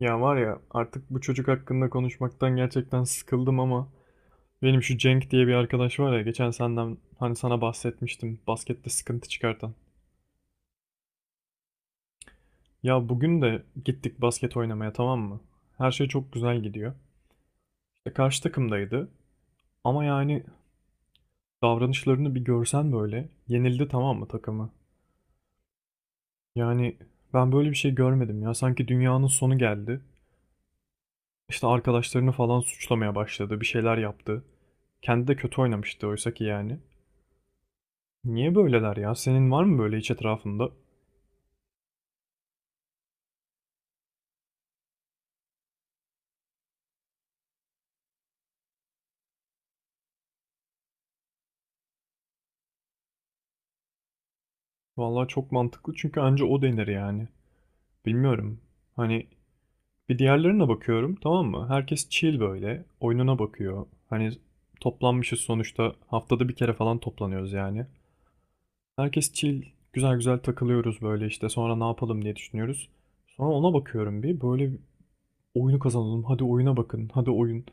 Ya var ya artık bu çocuk hakkında konuşmaktan gerçekten sıkıldım ama benim şu Cenk diye bir arkadaş var ya geçen senden hani sana bahsetmiştim baskette sıkıntı çıkartan. Ya bugün de gittik basket oynamaya, tamam mı? Her şey çok güzel gidiyor. İşte karşı takımdaydı ama yani davranışlarını bir görsen, böyle yenildi tamam mı takımı? Yani ben böyle bir şey görmedim ya, sanki dünyanın sonu geldi. İşte arkadaşlarını falan suçlamaya başladı, bir şeyler yaptı. Kendi de kötü oynamıştı oysa ki yani. Niye böyleler ya? Senin var mı böyle hiç etrafında? Vallahi çok mantıklı, çünkü anca o denir yani. Bilmiyorum. Hani bir diğerlerine bakıyorum, tamam mı? Herkes chill böyle. Oyununa bakıyor. Hani toplanmışız sonuçta. Haftada bir kere falan toplanıyoruz yani. Herkes chill. Güzel güzel takılıyoruz böyle işte. Sonra ne yapalım diye düşünüyoruz. Sonra ona bakıyorum bir. Böyle oyunu kazanalım. Hadi oyuna bakın. Hadi oyun.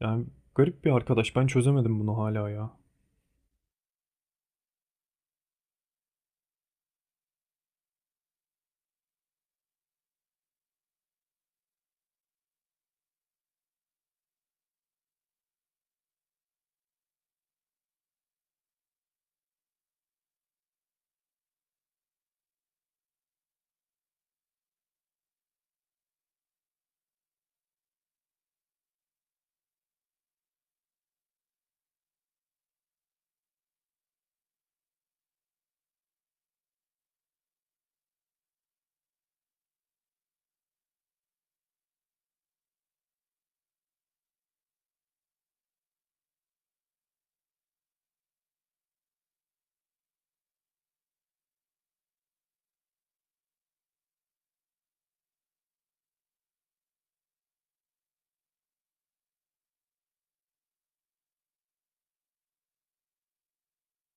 Yani garip bir arkadaş. Ben çözemedim bunu hala ya.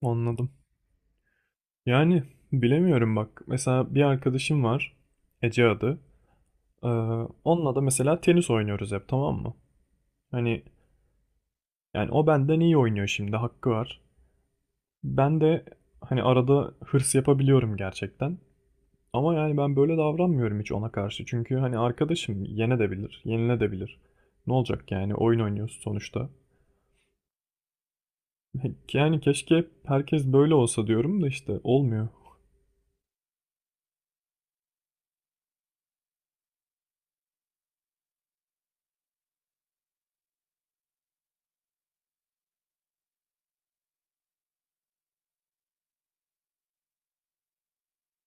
Anladım. Yani bilemiyorum bak. Mesela bir arkadaşım var. Ece adı. Ee, onunla da mesela tenis oynuyoruz hep, tamam mı? Hani yani o benden iyi oynuyor, şimdi hakkı var. Ben de hani arada hırs yapabiliyorum gerçekten. Ama yani ben böyle davranmıyorum hiç ona karşı. Çünkü hani arkadaşım yene de bilir, yenile de bilir. Ne olacak yani, oyun oynuyoruz sonuçta. Yani keşke hep herkes böyle olsa diyorum da işte olmuyor.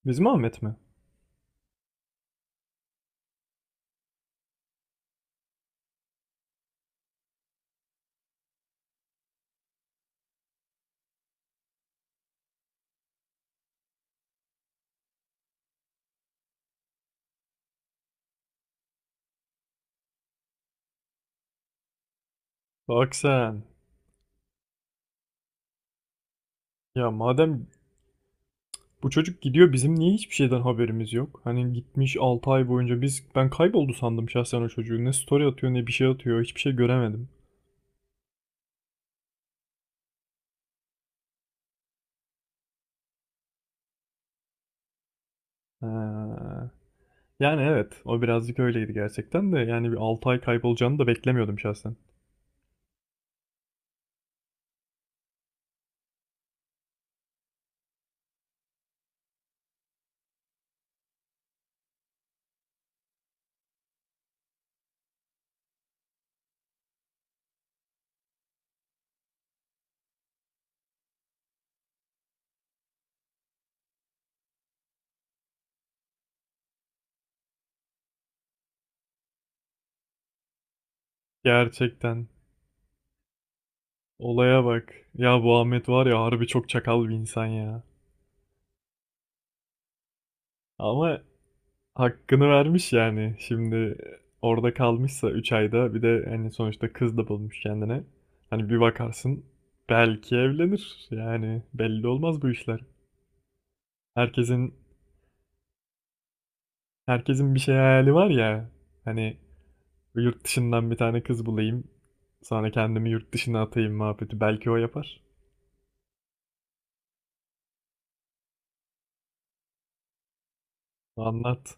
Bizim Ahmet mi? Bak sen. Ya madem Bu çocuk gidiyor, bizim niye hiçbir şeyden haberimiz yok? Hani gitmiş 6 ay boyunca ben kayboldu sandım şahsen o çocuğu. Ne story atıyor ne bir şey atıyor, hiçbir şey göremedim. Ee, yani evet o birazcık öyleydi gerçekten de, yani bir 6 ay kaybolacağını da beklemiyordum şahsen. Gerçekten olaya bak ya, bu Ahmet var ya, harbi çok çakal bir insan ya. Ama hakkını vermiş yani. Şimdi orada kalmışsa 3 ayda, bir de hani sonuçta kız da bulmuş kendine. Hani bir bakarsın belki evlenir. Yani belli olmaz bu işler. Herkesin herkesin bir şey hayali var ya. Hani yurt dışından bir tane kız bulayım. Sonra kendimi yurt dışına atayım muhabbeti. Belki o yapar. Anlat.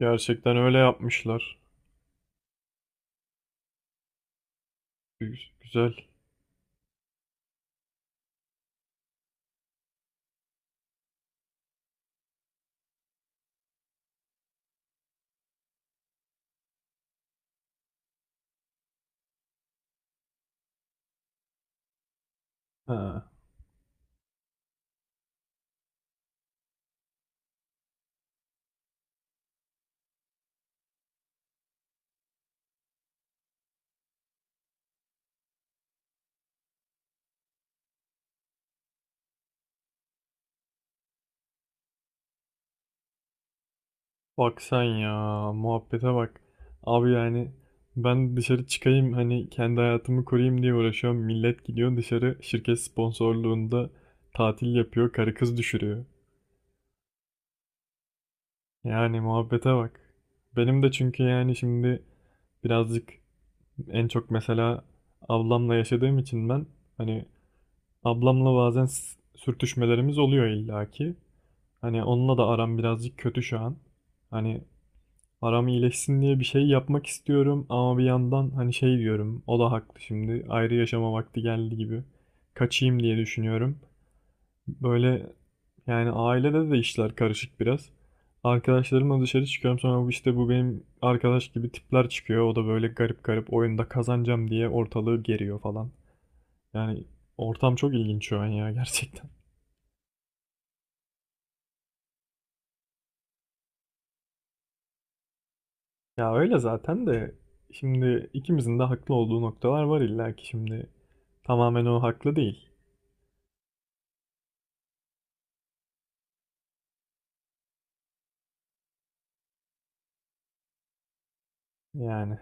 Gerçekten öyle yapmışlar. Güzel. Ha. Bak sen ya, muhabbete bak. Abi yani ben dışarı çıkayım, hani kendi hayatımı koruyayım diye uğraşıyorum. Millet gidiyor dışarı şirket sponsorluğunda tatil yapıyor. Karı kız düşürüyor. Yani muhabbete bak. Benim de çünkü yani şimdi birazcık en çok mesela ablamla yaşadığım için ben hani ablamla bazen sürtüşmelerimiz oluyor illaki. Hani onunla da aram birazcık kötü şu an. Hani aram iyileşsin diye bir şey yapmak istiyorum ama bir yandan hani şey diyorum, o da haklı, şimdi ayrı yaşama vakti geldi gibi kaçayım diye düşünüyorum. Böyle yani ailede de işler karışık biraz. Arkadaşlarımla dışarı çıkıyorum, sonra bu işte bu benim arkadaş gibi tipler çıkıyor. O da böyle garip garip oyunda kazanacağım diye ortalığı geriyor falan. Yani ortam çok ilginç şu an ya, gerçekten. Ya öyle zaten de, şimdi ikimizin de haklı olduğu noktalar var illa ki, şimdi tamamen o haklı değil. Yani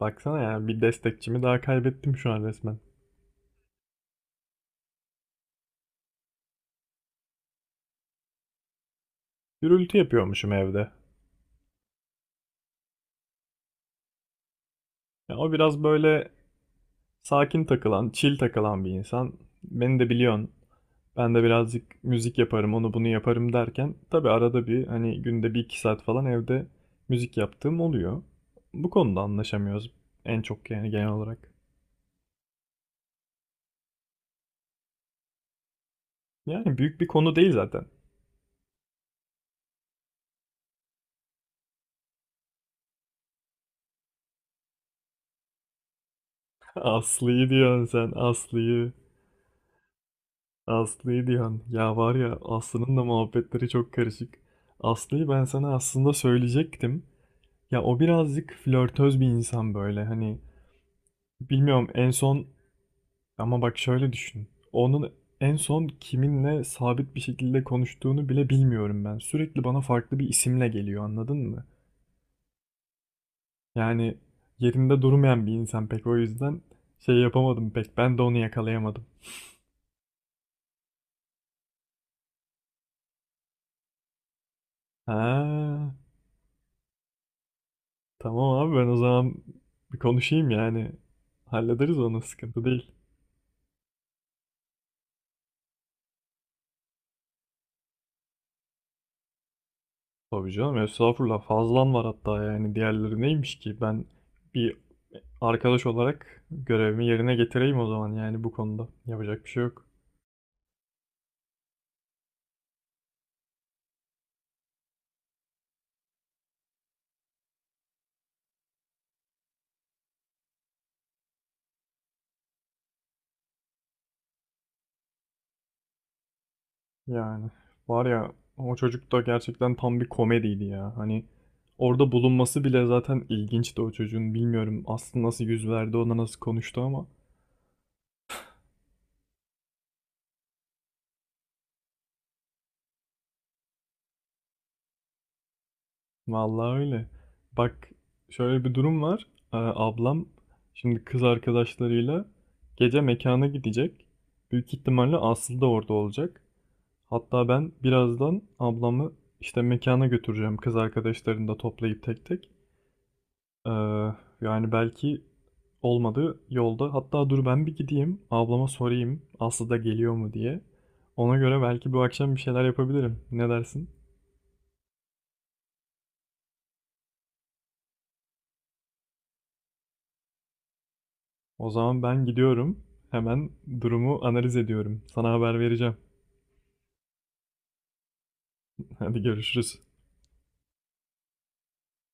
baksana ya, bir destekçimi daha kaybettim şu an resmen. Gürültü yapıyormuşum evde. Ya o biraz böyle sakin takılan, chill takılan bir insan. Beni de biliyorsun. Ben de birazcık müzik yaparım, onu bunu yaparım derken tabii arada bir, hani günde bir iki saat falan evde müzik yaptığım oluyor. Bu konuda anlaşamıyoruz en çok, yani genel olarak. Yani büyük bir konu değil zaten. Aslı'yı diyorsun sen, Aslı'yı. Aslı'yı diyorsun. Ya var ya, Aslı'nın da muhabbetleri çok karışık. Aslı'yı ben sana aslında söyleyecektim. Ya o birazcık flörtöz bir insan böyle. Hani bilmiyorum en son ama bak şöyle düşün. Onun en son kiminle sabit bir şekilde konuştuğunu bile bilmiyorum ben. Sürekli bana farklı bir isimle geliyor, anladın mı? Yani yerinde durmayan bir insan pek, o yüzden şey yapamadım pek. Ben de onu yakalayamadım. Ha. Tamam abi, ben o zaman bir konuşayım yani. Hallederiz onu, sıkıntı değil. Tabii canım, estağfurullah, fazlan var hatta yani, diğerleri neymiş ki. Ben bir arkadaş olarak görevimi yerine getireyim o zaman yani bu konuda. Yapacak bir şey yok. Yani var ya, o çocuk da gerçekten tam bir komediydi ya. Hani orada bulunması bile zaten ilginçti o çocuğun. Bilmiyorum aslında nasıl yüz verdi ona, nasıl konuştu ama. Vallahi öyle. Bak şöyle bir durum var. Ablam şimdi kız arkadaşlarıyla gece mekana gidecek. Büyük ihtimalle Aslı da orada olacak. Hatta ben birazdan ablamı işte mekana götüreceğim, kız arkadaşlarını da toplayıp tek tek. Ee, yani belki olmadı yolda. Hatta dur, ben bir gideyim ablama sorayım Aslı da geliyor mu diye. Ona göre belki bu akşam bir şeyler yapabilirim. Ne dersin? O zaman ben gidiyorum. Hemen durumu analiz ediyorum. Sana haber vereceğim. Hadi görüşürüz.